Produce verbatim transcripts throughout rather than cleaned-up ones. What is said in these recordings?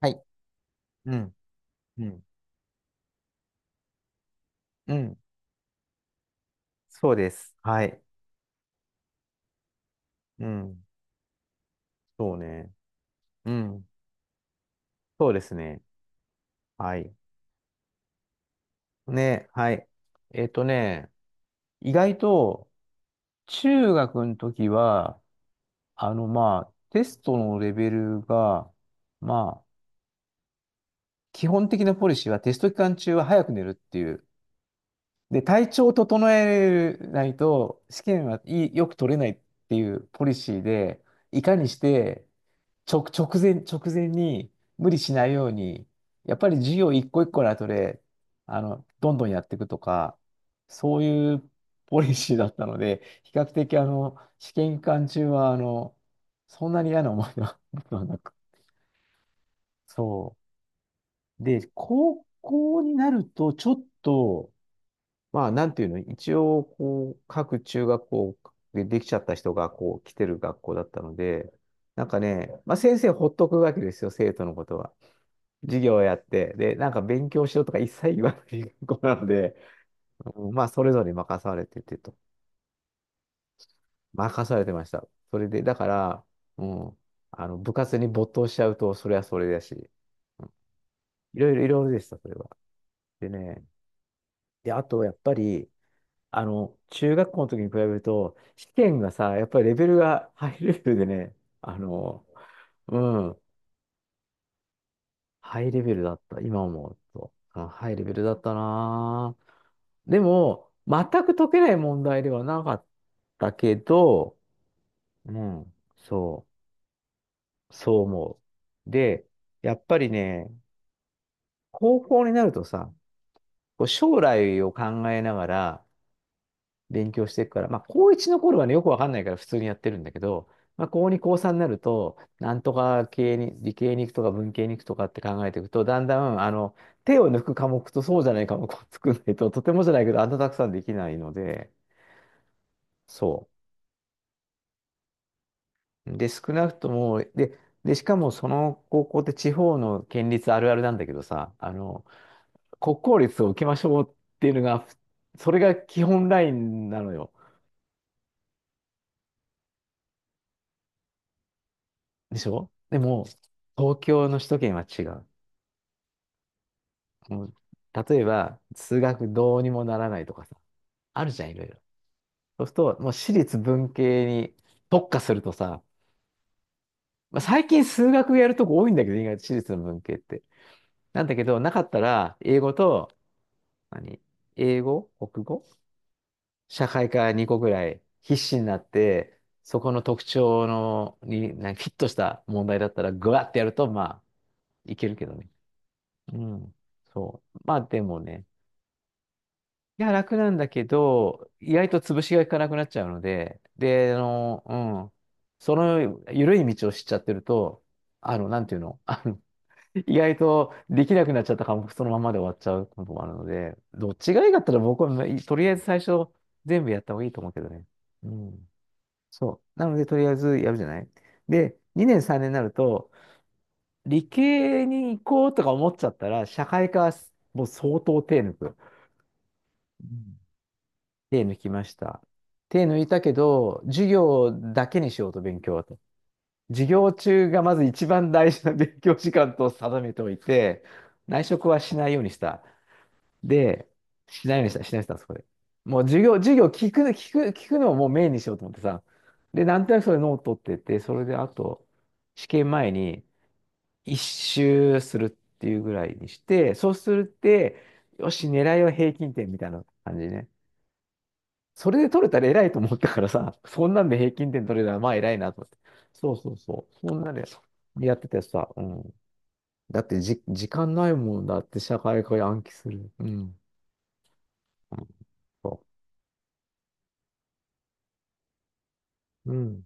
はい。うん。うん。うん。そうです。はい。うん。そうね。うん。そうですね。はい。ね。はい。えっとね、意外と中学の時は、あの、まあ、テストのレベルが、まあ、基本的なポリシーはテスト期間中は早く寝るっていう。で、体調を整えないと試験はいいよく取れないっていうポリシーで、いかにして直、直前、直前に無理しないように、やっぱり授業一個一個の後で、あの、どんどんやっていくとか、そういうポリシーだったので、比較的あの、試験期間中は、あの、そんなに嫌な思いは 僕はなく。そう。で、高校になると、ちょっと、まあ、なんていうの、一応、こう、各中学校でできちゃった人が、こう、来てる学校だったので、なんかね、まあ、先生ほっとくわけですよ、生徒のことは。授業をやって、で、なんか勉強しろとか一切言わない学校なので、うん、まあ、それぞれ任されててと。任されてました。それで、だから、うん、あの、部活に没頭しちゃうと、それはそれだし、うん、いろいろいろいろでした、それは。でね、で、あと、やっぱり、あの、中学校の時に比べると、試験がさ、やっぱりレベルがハイレベルでね、あの、うん、ハイレベルだった。今思うと、うん、ハイレベルだったな。でも、全く解けない問題ではなかったけど、うん、そう、そう思う。で、やっぱりね、高校になるとさ、こう将来を考えながら勉強していくから、まあ、高いちの頃はね、よくわかんないから普通にやってるんだけど、まあ、高に、高さんになると、なんとか系に、理系に行くとか文系に行くとかって考えていくと、だんだん、あの、手を抜く科目とそうじゃない科目を作らないと、とてもじゃないけど、あんなたくさんできないので、そう。で、少なくとも、で、で、しかもその高校って地方の県立あるあるなんだけどさ、あの、国公立を受けましょうっていうのが、ふそれが基本ラインなのよ。でしょ。でも、東京の首都圏は違う。もう例えば、数学どうにもならないとかさ、あるじゃん、いろいろ。そうすると、もう私立文系に特化するとさ、まあ、最近数学やるとこ多いんだけど、意外と私立の文系って。なんだけど、なかったら、英語と、何英語、国語、社会科にこぐらい必死になって、そこの特徴のに、なんかフィットした問題だったら、ぐわってやると、まあ、いけるけどね。うん。そう。まあ、でもね。いや、楽なんだけど、意外と潰しがいかなくなっちゃうので、で、あの、うん。その緩い道を知っちゃってると、あの、なんていうの、あの、意外とできなくなっちゃった科目、そのままで終わっちゃうこともあるので、どっちがいいかったら僕は、とりあえず最初、全部やった方がいいと思うけどね。うん。そう。なので、とりあえずやるじゃない。で、にねんさんねんになると、理系に行こうとか思っちゃったら、社会科はもう相当手抜く。うん、手抜きました。手抜いたけど、授業だけにしようと勉強はと。授業中がまず一番大事な勉強時間と定めておいて、内職はしないようにした。で、しないようにした、しないようにしたんです、そこで。もう授業、授業、聞く、聞く、聞くのをもうメインにしようと思ってさ。で、なんとなくそれノート取ってて、それであと、試験前に一周するっていうぐらいにして、そうするって、よし、狙いは平均点みたいな感じね。それで取れたら偉いと思ったからさ、そんなんで平均点取れたらまあ偉いなと思って。そうそうそう。そんなでやっててさ、うん。だってじ、時間ないもんだって社会科暗記する。うん。うん、そう。うん。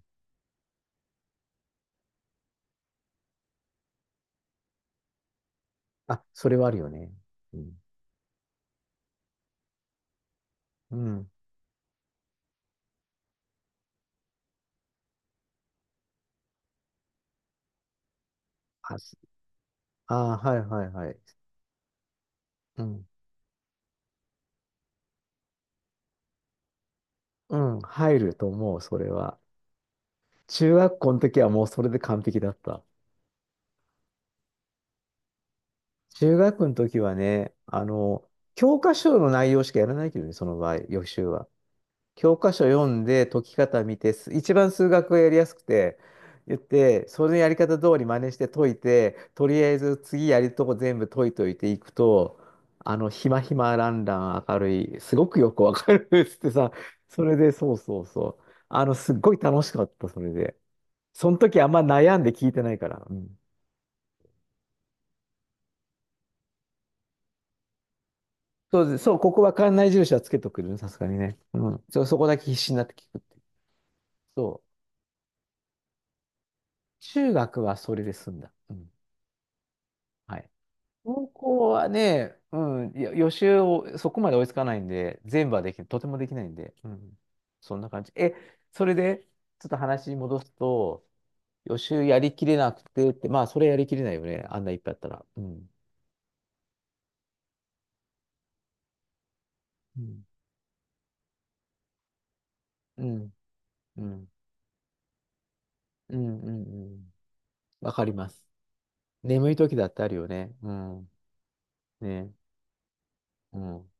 あ、それはあるよね。うん。うん。あ、すあー、はいはいはい。うん。うん、入ると思う、それは。中学校の時はもうそれで完璧だった。中学の時はね、あの、教科書の内容しかやらないけどね、その場合、予習は。教科書読んで解き方見て、す一番数学がやりやすくて、言って、そのやり方通り真似して解いて、とりあえず次やるとこ全部解いといていくと、あの、ひまひまランラン明るい、すごくよくわかるっつってさ、それで、そうそうそう。あの、すっごい楽しかった、それで。その時あんま悩んで聞いてないから。うん。そうです、そう、ここは館内住所はつけとくるさすがにね。うん。そう、そこだけ必死になって聞くっていう。そう。中学はそれで済んだ。うん。はい。高校はね、うん、いや予習をそこまで追いつかないんで、全部はでき、とてもできないんで、うん、そんな感じ。え、それで、ちょっと話戻すと、予習やりきれなくてって、まあ、それやりきれないよね、あんないっぱいあったら。うん。うん。うん。うん。うん。うん。うん、わかります。眠い時だってあるよね。うん。ね。うん。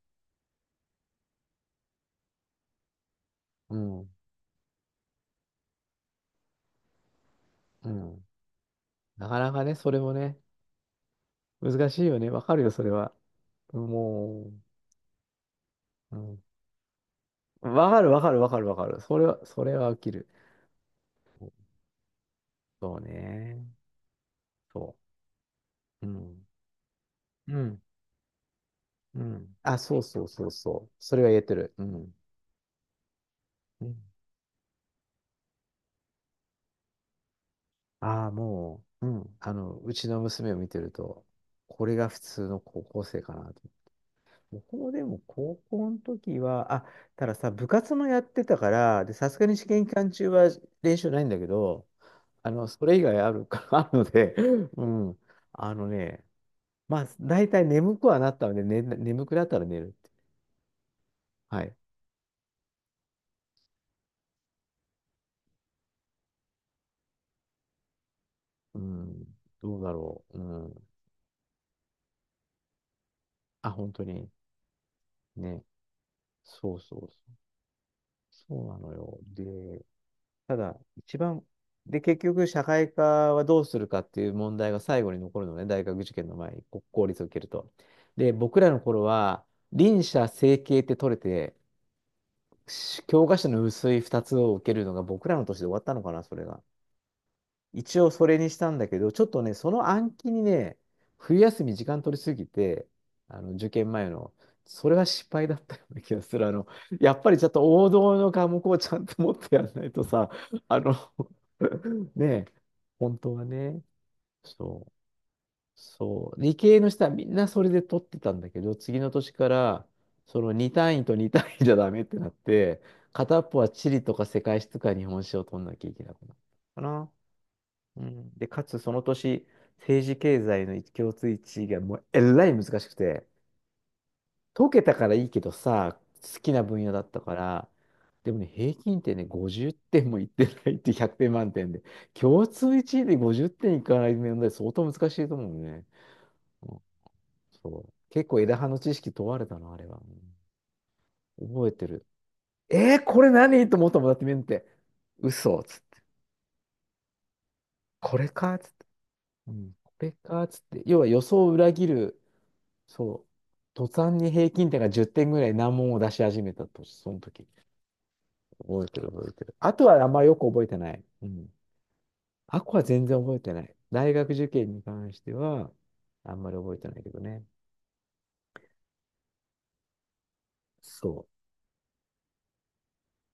うん。うん。なかなかね、それもね、難しいよね。わかるよ、それは。もう。うん、わかるわかるわかるわかる。それは、それは起きる。そうね。そう。うん。うん。うん。あ、そうそうそうそう。それは言えてる。うん。うん。ああ、もう、うん。あの、うちの娘を見てると、これが普通の高校生かなと。僕もでも高校の時は、あ、たださ、部活もやってたから、で、さすがに試験期間中は練習ないんだけど、あの、それ以外あるか、あるので、うん。あのね、まあ、大体眠くはなったので、ね、眠くなったら寝るって。はい。うん。どうだろう。うん。あ、本当に。ね。そうそうそう。そうなのよ。で、ただ、一番、で、結局、社会科はどうするかっていう問題が最後に残るのね。大学受験の前に、国公立を受けると。で、僕らの頃は、輪車、整形って取れて、し教科書の薄いふたつを受けるのが僕らの年で終わったのかな、それが。一応それにしたんだけど、ちょっとね、その暗記にね、冬休み時間取りすぎて、あの受験前の、それは失敗だったような気がする。あの、やっぱりちょっと王道の科目をちゃんと持ってやらないとさ、あの ねえ、本当はね、そう、そう、理系の人はみんなそれで取ってたんだけど、次の年から、そのに単位とに単位じゃダメってなって、片っぽは地理とか世界史とか日本史を取んなきゃいけなくなったかな。うん、で、かつその年、政治経済の共通一致がもうえらい難しくて、解けたからいいけどさ、好きな分野だったから、でもね、平均点ね、ごじゅってんもいってないって、ひゃくてん満点で、共通一位でごじゅってんいかない問題相当難しいと思うね。うん、そう。結構枝葉の知識問われたな、あれは。うん、覚えてる。えー、これ何と思ったもんだって見んて。嘘っつって。これかっつって。うん、これかっつって。要は予想を裏切る。そう。途端に平均点がじゅってんぐらい、難問を出し始めたと、その時。覚えてる覚えてる。あとはあんまよく覚えてない。うん。あこは全然覚えてない。大学受験に関しては、あんまり覚えてないけどね。そう。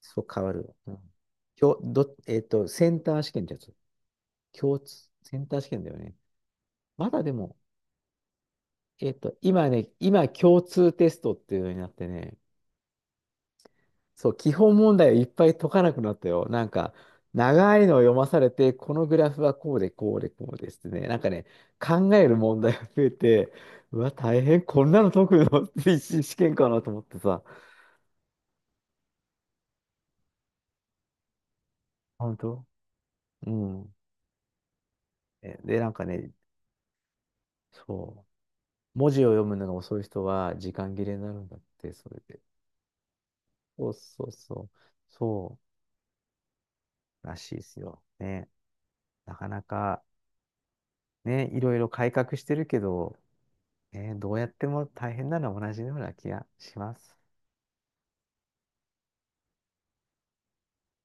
そう変わる。うん。きょ、ど、えっと、センター試験ってやつ。共通、センター試験だよね。まだでも、えっと、今ね、今共通テストっていうのになってね、そう、基本問題をいっぱい解かなくなったよ。なんか、長いのを読まされて、このグラフはこうで、こうで、こうですね。なんかね、考える問題が増えて、うわ、大変、こんなの解くの って一次試験かなと思ってさ。本当、うん。えで、なんかね、そう、文字を読むのが遅い人は時間切れになるんだって、それで。そうそうそう。そう、らしいですよ。ね。なかなか、ね、いろいろ改革してるけど、ね、どうやっても大変なのは同じような気がします。